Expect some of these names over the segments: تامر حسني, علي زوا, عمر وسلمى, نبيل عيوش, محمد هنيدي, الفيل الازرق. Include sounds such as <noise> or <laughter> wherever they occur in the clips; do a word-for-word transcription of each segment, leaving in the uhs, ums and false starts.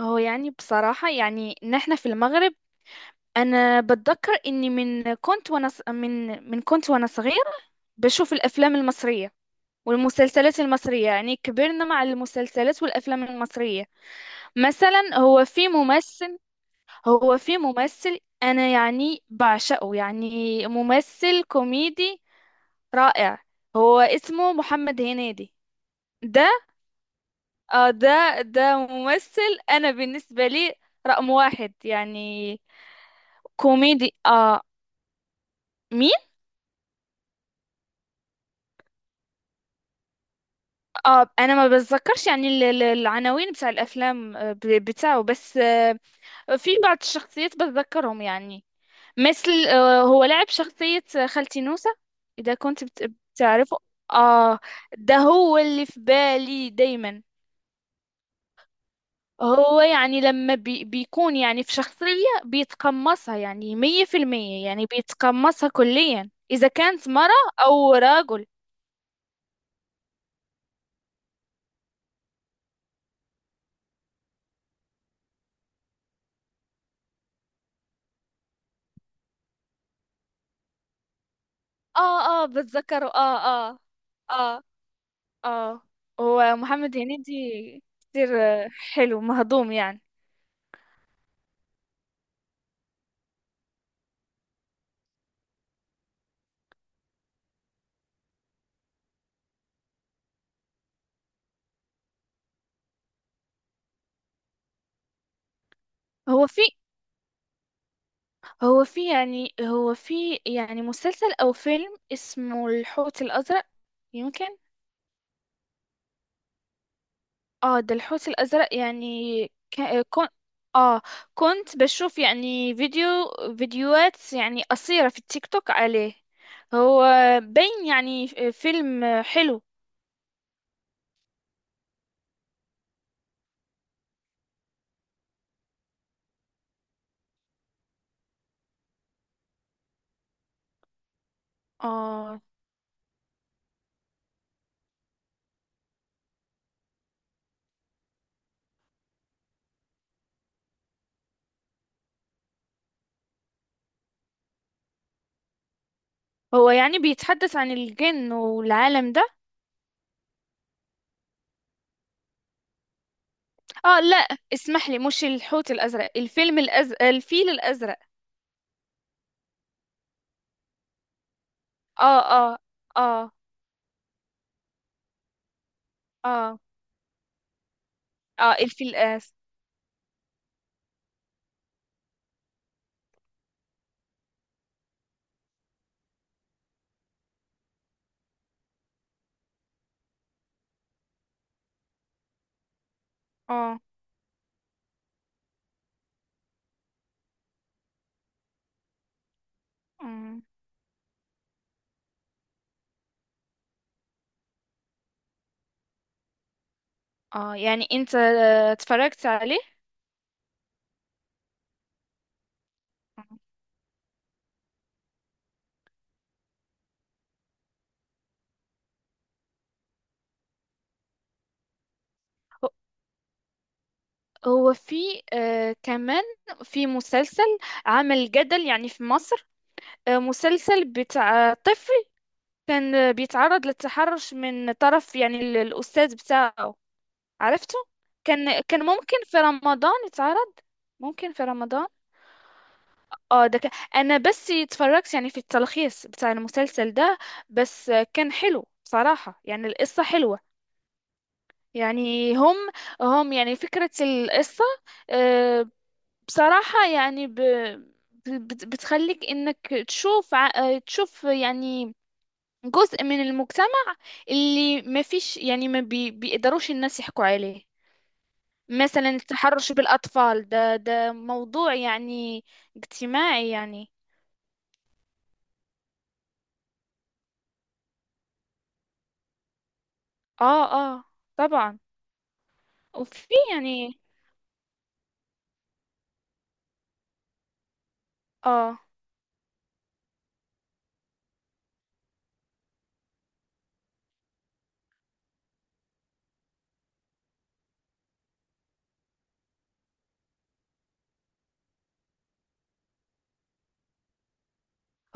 هو يعني بصراحة، يعني نحن في المغرب. أنا بتذكر إني من كنت وأنا ص- من من كنت وأنا صغير، بشوف الأفلام المصرية والمسلسلات المصرية. يعني كبرنا مع المسلسلات والأفلام المصرية. مثلا هو في ممثل هو في ممثل، أنا يعني بعشقه، يعني ممثل كوميدي رائع. هو اسمه محمد هنيدي. ده آه ده ده ممثل، أنا بالنسبة لي رقم واحد يعني. كوميدي، آه. مين؟ آه، انا ما بتذكرش يعني ال- ال- العناوين بتاع الافلام، آه، ب- بتاعه بس. آه في بعض الشخصيات بتذكرهم يعني، مثل آه هو لعب شخصية خالتي نوسة، اذا كنت بت- بتعرفه. اه، ده هو اللي في بالي دايما. هو يعني لما بي بيكون يعني في شخصية بيتقمصها، يعني مية في المية، يعني بيتقمصها كليا، إذا كانت مرة أو رجل. آه، آه، بتذكره. آه. آه. آه. اه، هو محمد هنيدي كتير، آه، حلو مهضوم يعني. هو في هو في يعني هو في يعني مسلسل او فيلم اسمه الحوت الازرق، يمكن. اه، ده الحوت الازرق يعني. ك- كون اه كنت بشوف يعني فيديو فيديوهات يعني قصيرة في التيك توك عليه. هو بين يعني فيلم حلو. اه، هو يعني بيتحدث عن الجن والعالم ده. اه، لا، اسمح لي، مش الحوت الازرق، الفيلم الازرق الفيل الازرق. اه. اه. اه. اه. اه. الفيل الازرق. اه، اه، آه، يعني انت، آه، اتفرجت عليه؟ هو هو في، آه كمان، في مسلسل عمل جدل يعني في مصر، آه مسلسل بتاع طفل، كان آه، بيتعرض للتحرش من طرف يعني ال- الأستاذ بتاعه. عرفته؟ كان كان ممكن في رمضان يتعرض، ممكن في رمضان. اه، ده كان، انا بس اتفرجت يعني في التلخيص بتاع المسلسل ده، بس كان حلو بصراحة، يعني القصة حلوة. يعني هم هم يعني فكرة القصة، آه، بصراحة يعني، ب... بت- بتخليك انك تشوف ع- آه، تشوف يعني جزء من المجتمع، اللي ما فيش يعني ما بي... بيقدروش الناس يحكوا عليه. مثلا التحرش بالأطفال، ده ده موضوع يعني اجتماعي يعني. اه، اه، طبعا. وفي يعني، اه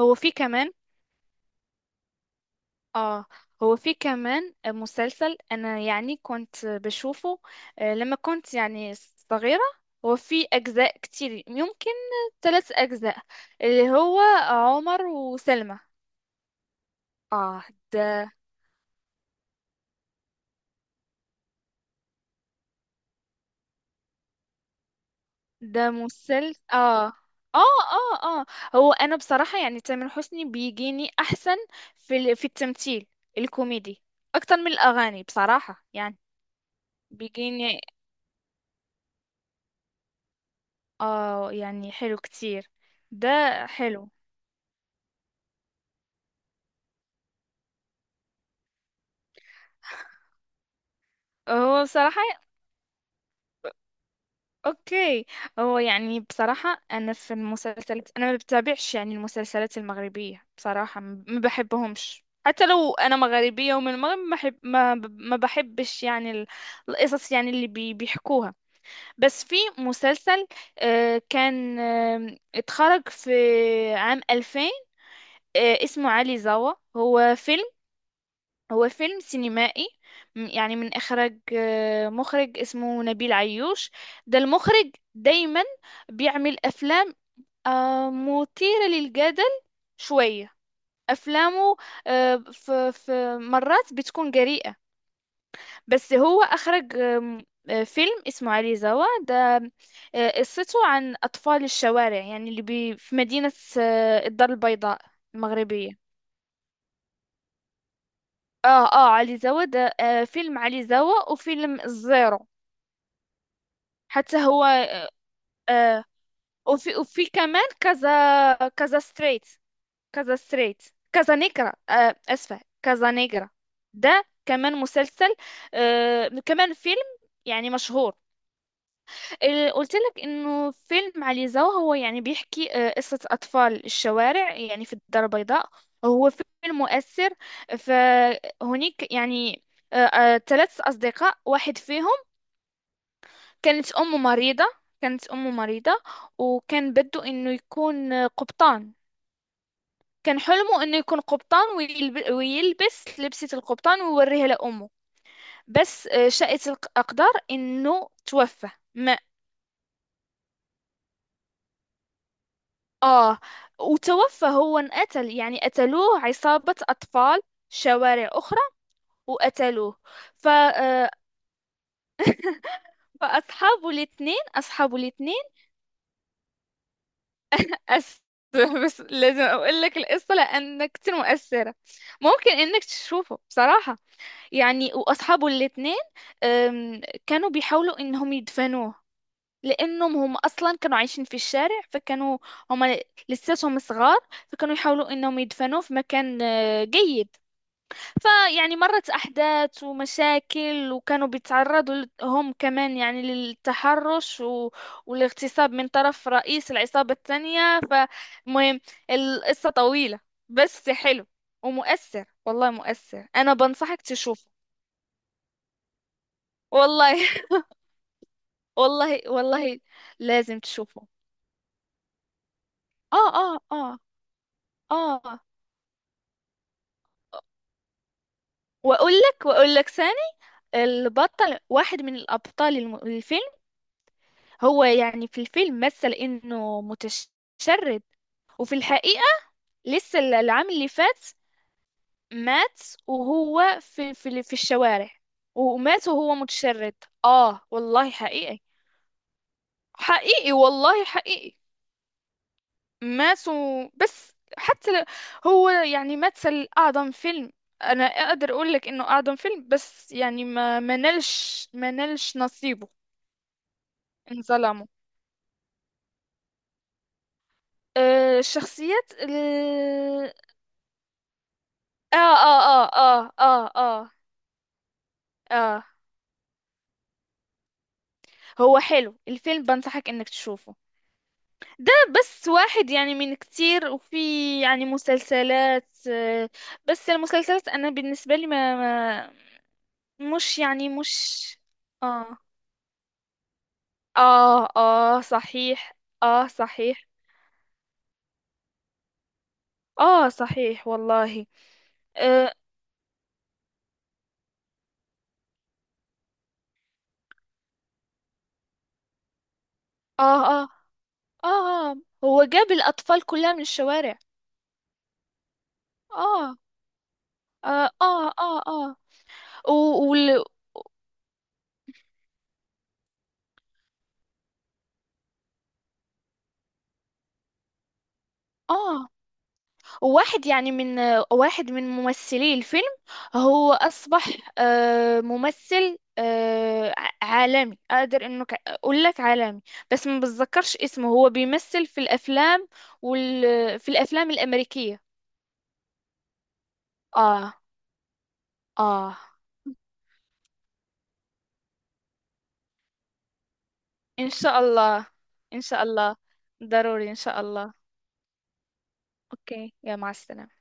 هو في كمان اه هو في كمان مسلسل، انا يعني كنت بشوفه، آه، لما كنت يعني صغيرة. هو في اجزاء كتير، يمكن ثلاث اجزاء، اللي هو عمر وسلمى. اه، ده ده مسلسل. اه. اه. اه. اه. هو انا بصراحة، يعني تامر حسني بيجيني احسن في ال- في التمثيل الكوميدي اكتر من الاغاني بصراحة يعني. بيجيني، اه يعني حلو كتير ده، حلو. هو بصراحة، اوكي، هو يعني بصراحة انا في المسلسلات، انا ما بتابعش يعني المسلسلات المغربية بصراحة. م- ما بحبهمش، حتى لو انا مغربية ومن المغرب. ما بحب، ما, ب- ما بحبش يعني ال- القصص يعني اللي بي بيحكوها. بس في مسلسل آه، كان آه، اتخرج في عام ألفين، آه، اسمه علي زوا. هو فيلم هو فيلم سينمائي، م- يعني من إخراج آه، مخرج اسمه نبيل عيوش. ده المخرج دايما بيعمل أفلام آه، مثيرة للجدل شوية. أفلامه آه، ف- ف- مرات بتكون جريئة. بس هو أخرج آم، آه، فيلم اسمه علي زوا ده، آه، قصته عن أطفال الشوارع، يعني اللي بي في مدينة آه، الدار البيضاء المغربية. اه، اه، علي زوا ده، آه، فيلم علي زوا وفيلم الزيرو. حتى هو، آه وفي وفي كمان كذا كذا ستريت كذا ستريت كذا نيجرا آه اسفة كذا نيجرا. ده كمان مسلسل، آه كمان فيلم، يعني مشهور. آه، قلت لك انه فيلم علي زو، هو يعني بيحكي آه، قصة اطفال الشوارع يعني في الدار البيضاء. هو فيلم مؤثر. فهناك يعني ثلاث اصدقاء، واحد فيهم كانت أمه مريضة كانت أمه مريضة، وكان بده إنه يكون قبطان. كان حلمه إنه يكون قبطان، ويلب... ويلبس لبسة القبطان ويوريها لأمه. بس آه، شاءت الأقدار إنه توفى ما آه وتوفى. هو انقتل، يعني قتلوه عصابة أطفال شوارع أخرى، وقتلوه. ف... آه، فأصحابه الاثنين أصحابه الاثنين، أس <laughs> بس لازم أقول لك القصة، لأن كتير مؤثرة، ممكن إنك تشوفه بصراحة. يعني وأصحابه الاتنين أم، كانوا بيحاولوا إنهم يدفنوه، لأنهم هم أصلا كانوا عايشين في الشارع. فكانوا هم لساتهم صغار، فكانوا يحاولوا إنهم يدفنوه في مكان آه، جيد. فيعني مرت أحداث ومشاكل، وكانوا بيتعرضوا ل- هم كمان يعني للتحرش و... والاغتصاب من طرف رئيس العصابة الثانية. فمهم، القصة طويلة، بس حلو ومؤثر، والله مؤثر، أنا بنصحك تشوفه. والله. <laughs> والله والله لازم تشوفه. آه. آه. آه. آه. وأقول لك وأقول لك ثاني: البطل، واحد من الأبطال الم- الفيلم، هو يعني في الفيلم مثل انه متشرد. وفي الحقيقة، لسه ال- العام اللي فات مات، وهو في في ال- في الشوارع، ومات وهو متشرد. اه، والله حقيقي. حقيقي والله، حقيقي. مات، و- بس حتى ل- هو يعني مثل اعظم فيلم. انا اقدر اقول لك انه اعظم فيلم، بس يعني ما ما نالش ما نالش نصيبه. انظلموا آه، الشخصيات. اه. اه. اه. اه. اه. اه. اه. هو حلو الفيلم، بنصحك انك تشوفه ده، بس واحد يعني من كتير. وفي يعني مسلسلات، آه، بس المسلسلات انا بالنسبة لي ما, ما، مش يعني مش. اه. اه. اه، صحيح. اه، صحيح. اه، صحيح والله. اه. اه. اه، آه. آه. هو جاب الاطفال كلها من الشوارع. اه. اه. اه. اه، آه. و... وال... اه، واحد يعني من واحد من ممثلي الفيلم، هو أصبح آه، ممثل آه، ع- عالمي، أقدر إنه ك- أقول لك عالمي. بس ما بتذكرش اسمه. هو بيمثل في الأفلام وال في الأفلام الأمريكية. آه. آه. إن شاء الله. إن شاء الله، ضروري إن شاء الله. أوكي، يا مع السلامة.